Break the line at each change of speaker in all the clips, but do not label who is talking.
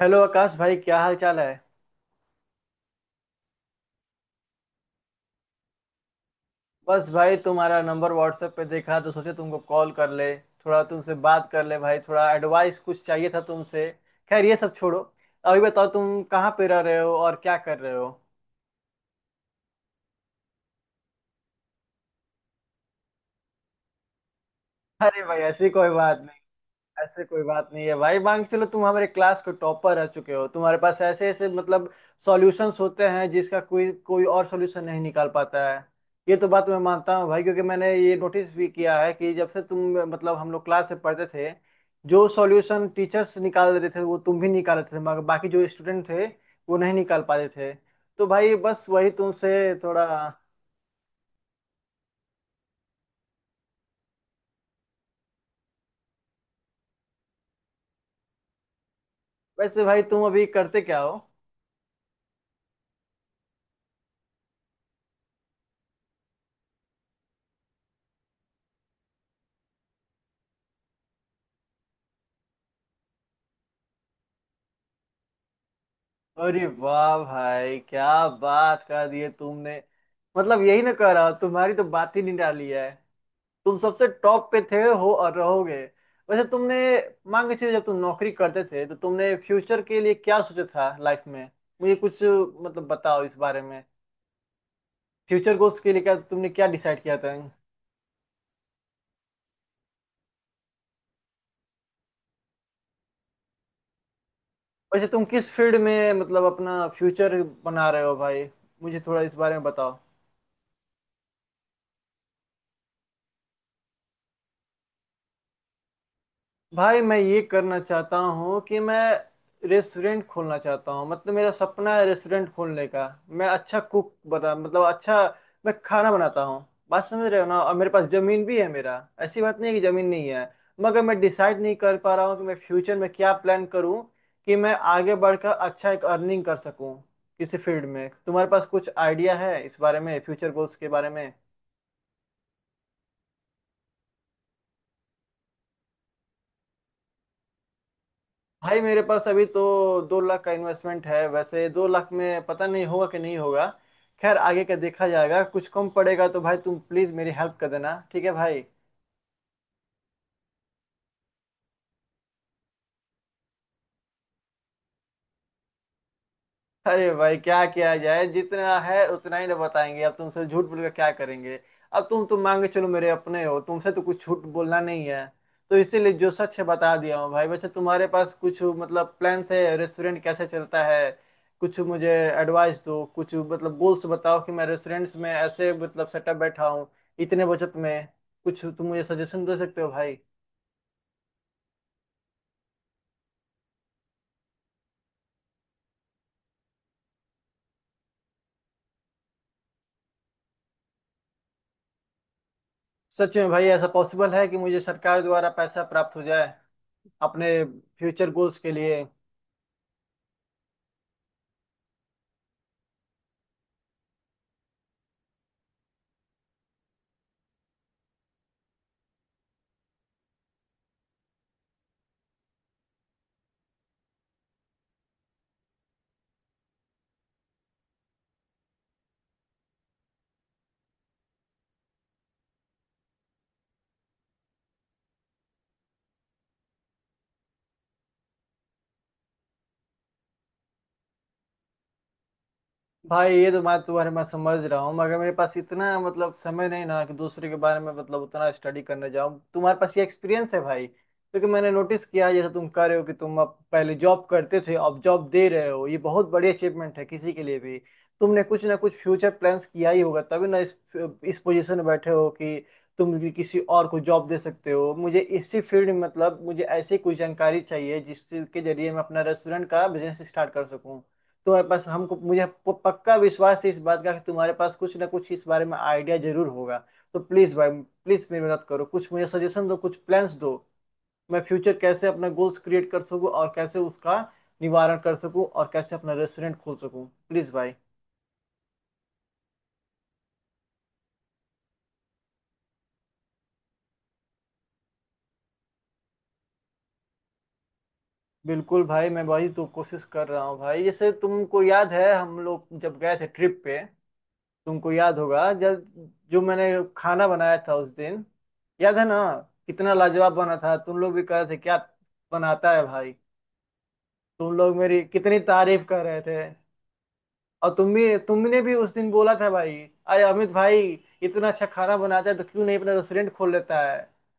Hello Akash भाई, क्या हाल चाल है। बस भाई, तुम्हारा नंबर व्हाट्सएप पे देखा तो सोचे तुमको कॉल कर ले थोड़ा तुमसे बात कर ले भाई, थोड़ा एडवाइस कुछ चाहिए था तुमसे। खैर, ये सब छोड़ो। अभी बताओ, तुम कहाँ पे रह रहे हो और क्या कर रहे हो। अरे भाई, ऐसी कोई बात नहीं। ऐसे कोई बात नहीं है भाई, मान के चलो, तुम हमारे क्लास के टॉपर रह चुके हो। तुम्हारे पास ऐसे ऐसे सॉल्यूशंस होते हैं जिसका कोई कोई और सॉल्यूशन नहीं निकाल पाता है। ये तो बात मैं मानता हूँ भाई, क्योंकि मैंने ये नोटिस भी किया है कि जब से तुम हम लोग क्लास से पढ़ते थे, जो सॉल्यूशन टीचर्स निकाल देते थे वो तुम भी निकाल देते थे, मगर बाकी जो स्टूडेंट थे वो नहीं निकाल पाते थे। तो भाई बस वही तुमसे थोड़ा। वैसे भाई, तुम अभी करते क्या हो। अरे वाह भाई, क्या बात कर दी है तुमने। मतलब यही ना कह रहा हूं, तुम्हारी तो बात ही नहीं डाली है। तुम सबसे टॉप पे थे, हो और रहोगे। वैसे तुमने, मान के चलिए, जब तुम नौकरी करते थे तो तुमने फ्यूचर के लिए क्या सोचा था लाइफ में। मुझे कुछ बताओ इस बारे में। फ्यूचर गोल्स के लिए क्या तुमने क्या डिसाइड किया था। वैसे तुम किस फील्ड में अपना फ्यूचर बना रहे हो भाई। मुझे थोड़ा इस बारे में बताओ। भाई, मैं ये करना चाहता हूँ कि मैं रेस्टोरेंट खोलना चाहता हूँ। मतलब मेरा सपना है रेस्टोरेंट खोलने का। मैं अच्छा कुक बना, अच्छा मैं खाना बनाता हूँ। बात समझ रहे हो ना। और मेरे पास जमीन भी है मेरा। ऐसी बात नहीं है कि जमीन नहीं है, मगर मैं डिसाइड नहीं कर पा रहा हूँ कि मैं फ्यूचर में क्या प्लान करूँ कि मैं आगे बढ़कर अच्छा एक अर्निंग कर सकूँ किसी फील्ड में। तुम्हारे पास कुछ आइडिया है इस बारे में, फ्यूचर गोल्स के बारे में। भाई, मेरे पास अभी तो 2 लाख का इन्वेस्टमेंट है। वैसे 2 लाख में पता नहीं होगा कि नहीं होगा। खैर, आगे का देखा जाएगा। कुछ कम पड़ेगा तो भाई, तुम प्लीज मेरी हेल्प कर देना, ठीक है भाई। अरे भाई, क्या किया जाए, जितना है उतना ही ना बताएंगे। अब तुमसे झूठ बोल के क्या करेंगे। अब तुम तो मान के चलो, मेरे अपने हो, तुमसे तो कुछ झूठ बोलना नहीं है। तो इसीलिए जो सच है बता दिया हूँ भाई। वैसे तुम्हारे पास कुछ प्लान्स है, रेस्टोरेंट कैसे चलता है, कुछ मुझे एडवाइस दो, कुछ गोल्स बताओ कि मैं रेस्टोरेंट्स में ऐसे सेटअप बैठा हूँ इतने बचत में। कुछ तुम मुझे सजेशन दे सकते हो भाई। सच में भाई, ऐसा पॉसिबल है कि मुझे सरकार द्वारा पैसा प्राप्त हो जाए अपने फ्यूचर गोल्स के लिए। भाई, ये तो मैं तुम्हारे मैं समझ रहा हूँ, मगर मेरे पास इतना समय नहीं ना कि दूसरे के बारे में उतना स्टडी करने जाऊँ। तुम्हारे पास ये एक्सपीरियंस है भाई, क्योंकि मैंने नोटिस किया जैसे तुम कह रहे हो कि तुम अब पहले जॉब करते थे, अब जॉब दे रहे हो, ये बहुत बड़ी अचीवमेंट है किसी के लिए भी। तुमने कुछ ना कुछ फ्यूचर प्लान्स किया ही होगा तभी ना इस पोजीशन में बैठे हो कि तुम भी किसी और को जॉब दे सकते हो। मुझे इसी फील्ड में मुझे ऐसी कोई जानकारी चाहिए जिसके जरिए मैं अपना रेस्टोरेंट का बिजनेस स्टार्ट कर सकूँ। तो बस हमको मुझे पक्का विश्वास है इस बात का कि तुम्हारे पास कुछ ना कुछ इस बारे में आइडिया जरूर होगा। तो प्लीज भाई, प्लीज मेरी मदद करो, कुछ मुझे सजेशन दो, कुछ प्लान्स दो। मैं फ्यूचर कैसे अपना गोल्स क्रिएट कर सकूं और कैसे उसका निवारण कर सकूं और कैसे अपना रेस्टोरेंट खोल सकूं, प्लीज भाई। बिल्कुल भाई, मैं भाई तो कोशिश कर रहा हूँ भाई। जैसे तुमको याद है, हम लोग जब गए थे ट्रिप पे, तुमको याद होगा जब जो मैंने खाना बनाया था उस दिन, याद है ना, कितना लाजवाब बना था। तुम लोग भी कह रहे थे, क्या बनाता है भाई। तुम लोग मेरी कितनी तारीफ कर रहे थे। और तुम भी, तुमने भी उस दिन बोला था भाई, अरे अमित भाई इतना अच्छा खाना बनाता है तो क्यों नहीं अपना रेस्टोरेंट खोल लेता है,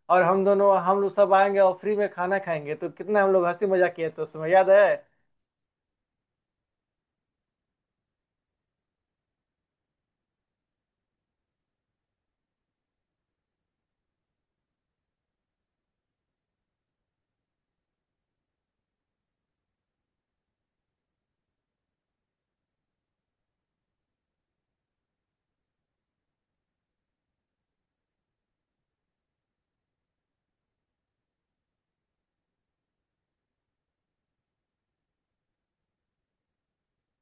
और हम दोनों, हम लोग सब आएंगे और फ्री में खाना खाएंगे। तो कितना हम लोग हंसी मजाक किए थे उस समय, याद है।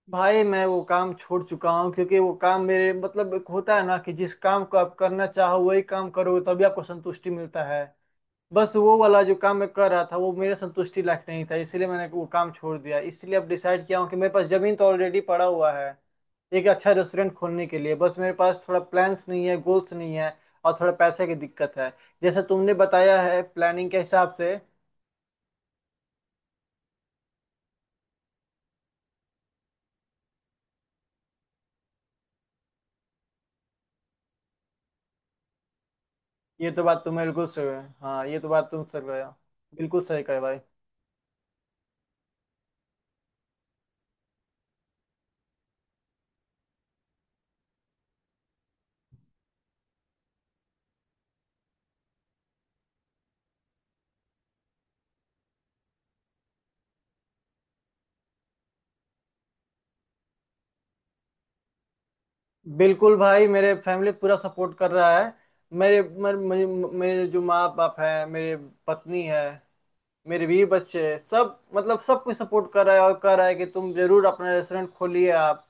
भाई, मैं वो काम छोड़ चुका हूँ, क्योंकि वो काम मेरे एक होता है ना कि जिस काम को आप करना चाहो वही काम करो, तभी आपको संतुष्टि मिलता है। बस वो वाला जो काम मैं कर रहा था वो मेरे संतुष्टि लायक नहीं था, इसलिए मैंने वो काम छोड़ दिया। इसलिए अब डिसाइड किया हूँ कि मेरे पास जमीन तो ऑलरेडी पड़ा हुआ है एक अच्छा रेस्टोरेंट खोलने के लिए। बस मेरे पास थोड़ा प्लान्स नहीं है, गोल्स नहीं है, और थोड़ा पैसे की दिक्कत है, जैसा तुमने बताया है प्लानिंग के हिसाब से। ये तो बात तुम बिल्कुल सही- हाँ, ये तो बात तुम सही कहे हो। बिल्कुल सही कहे भाई। बिल्कुल भाई, मेरे फैमिली पूरा सपोर्ट कर रहा है। मेरे मेरे मेरे मेरे जो माँ बाप है, मेरे पत्नी है, मेरे बीवी बच्चे हैं, सब सब कुछ सपोर्ट कर रहा है और कह रहा है कि तुम जरूर अपना रेस्टोरेंट खोलिए, आप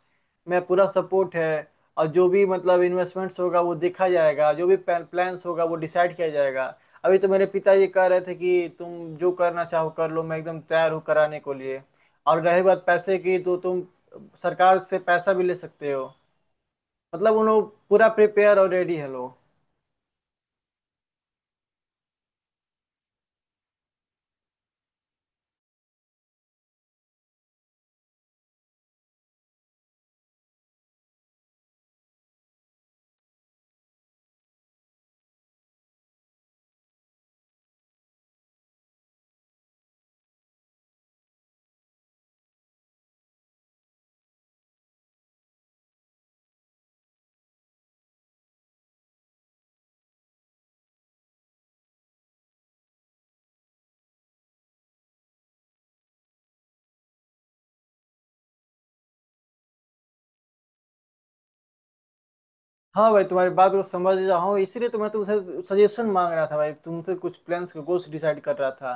मैं पूरा सपोर्ट है। और जो भी इन्वेस्टमेंट्स होगा वो देखा जाएगा, जो भी प्लान्स होगा वो डिसाइड किया जाएगा। अभी तो मेरे पिताजी कह रहे थे कि तुम जो करना चाहो कर लो, मैं एकदम तैयार हूँ कराने को लिए। और रही बात पैसे की तो तुम सरकार से पैसा भी ले सकते हो। मतलब उन लोग पूरा प्रिपेयर और रेडी है लोग। हाँ भाई, तुम्हारी बात को समझ रहा हूँ, इसीलिए तो मैं तुमसे सजेशन मांग रहा था भाई, तुमसे कुछ प्लान्स के गोल्स डिसाइड कर रहा था।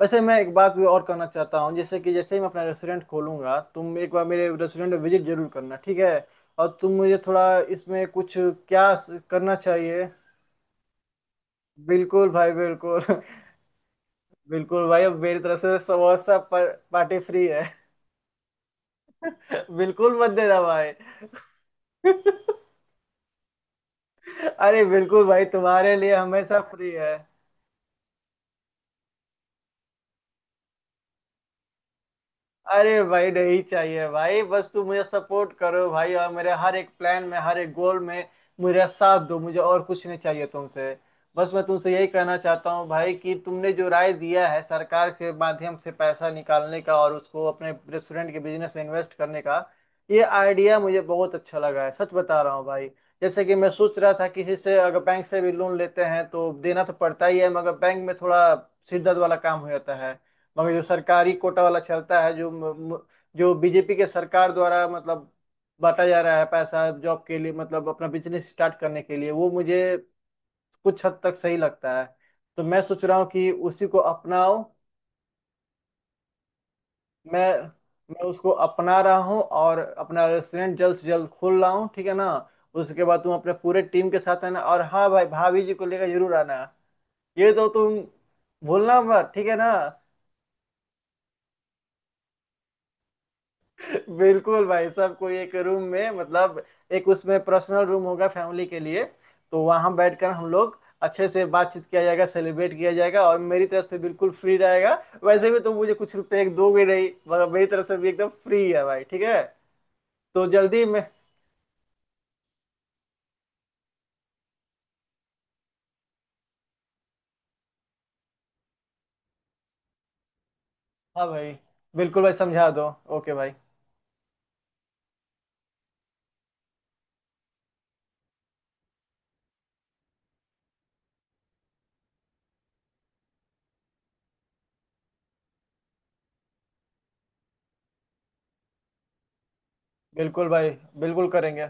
वैसे मैं एक बात भी और करना चाहता हूँ, जैसे कि जैसे ही मैं अपना रेस्टोरेंट खोलूंगा, तुम एक बार मेरे रेस्टोरेंट में विजिट जरूर करना, ठीक है। और तुम मुझे थोड़ा इसमें कुछ क्या करना चाहिए। बिल्कुल भाई, बिल्कुल। बिल्कुल भाई, अब मेरी तरफ से समोसा पर, पार्टी फ्री है। बिल्कुल मत देना भाई। अरे बिल्कुल भाई, तुम्हारे लिए हमेशा फ्री है। अरे भाई, नहीं चाहिए भाई। बस तू मुझे सपोर्ट करो भाई, और मेरे हर एक प्लान में, हर एक गोल में मेरा साथ दो, मुझे और कुछ नहीं चाहिए तुमसे। बस मैं तुमसे यही कहना चाहता हूँ भाई कि तुमने जो राय दिया है सरकार के माध्यम से पैसा निकालने का और उसको अपने रेस्टोरेंट के बिजनेस में इन्वेस्ट करने का, ये आइडिया मुझे बहुत अच्छा लगा है, सच बता रहा हूँ भाई। जैसे कि मैं सोच रहा था किसी से, अगर बैंक से भी लोन लेते हैं तो देना तो पड़ता ही है, मगर बैंक में थोड़ा सिरदर्द वाला काम हो जाता है। मगर जो सरकारी कोटा वाला चलता है, जो जो बीजेपी के सरकार द्वारा बांटा जा रहा है पैसा जॉब के लिए, मतलब अपना बिजनेस स्टार्ट करने के लिए, वो मुझे कुछ हद तक सही लगता है। तो मैं सोच रहा हूँ कि उसी को अपनाओ। मैं मैं उसको अपना रहा हूँ और अपना रेस्टोरेंट जल्द से जल्द खोल रहा हूँ, ठीक है ना। उसके बाद तुम अपने पूरे टीम के साथ, है ना, और हाँ भाई भाभी जी को लेकर जरूर आना। ये तो तुम भूलना मत, ठीक है ना। बिल्कुल भाई साहब, कोई एक रूम में एक उसमें पर्सनल रूम होगा फैमिली के लिए, तो वहां बैठकर हम लोग अच्छे से बातचीत किया जाएगा, सेलिब्रेट किया जाएगा, और मेरी तरफ से बिल्कुल फ्री रहेगा। वैसे भी तुम मुझे कुछ रुपए एक दोगे नहीं, मगर मेरी तरफ से भी एकदम फ्री है भाई, ठीक है। तो जल्दी मैं। हाँ भाई, बिल्कुल भाई, समझा दो। ओके भाई। बिल्कुल भाई, बिल्कुल करेंगे।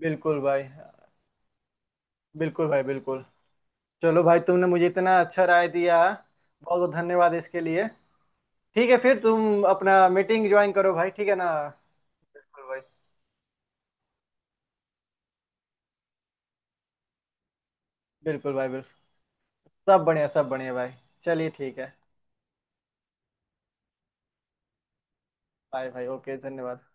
बिल्कुल भाई, बिल्कुल भाई, बिल्कुल। चलो भाई, तुमने मुझे इतना अच्छा राय दिया, बहुत बहुत धन्यवाद इसके लिए। ठीक है, फिर तुम अपना मीटिंग ज्वाइन करो भाई, ठीक है ना। बिल्कुल भाई, बिल्कुल भाई, बिल्कुल। सब बढ़िया, सब बढ़िया भाई। चलिए, ठीक है। बाय भाई, ओके, धन्यवाद।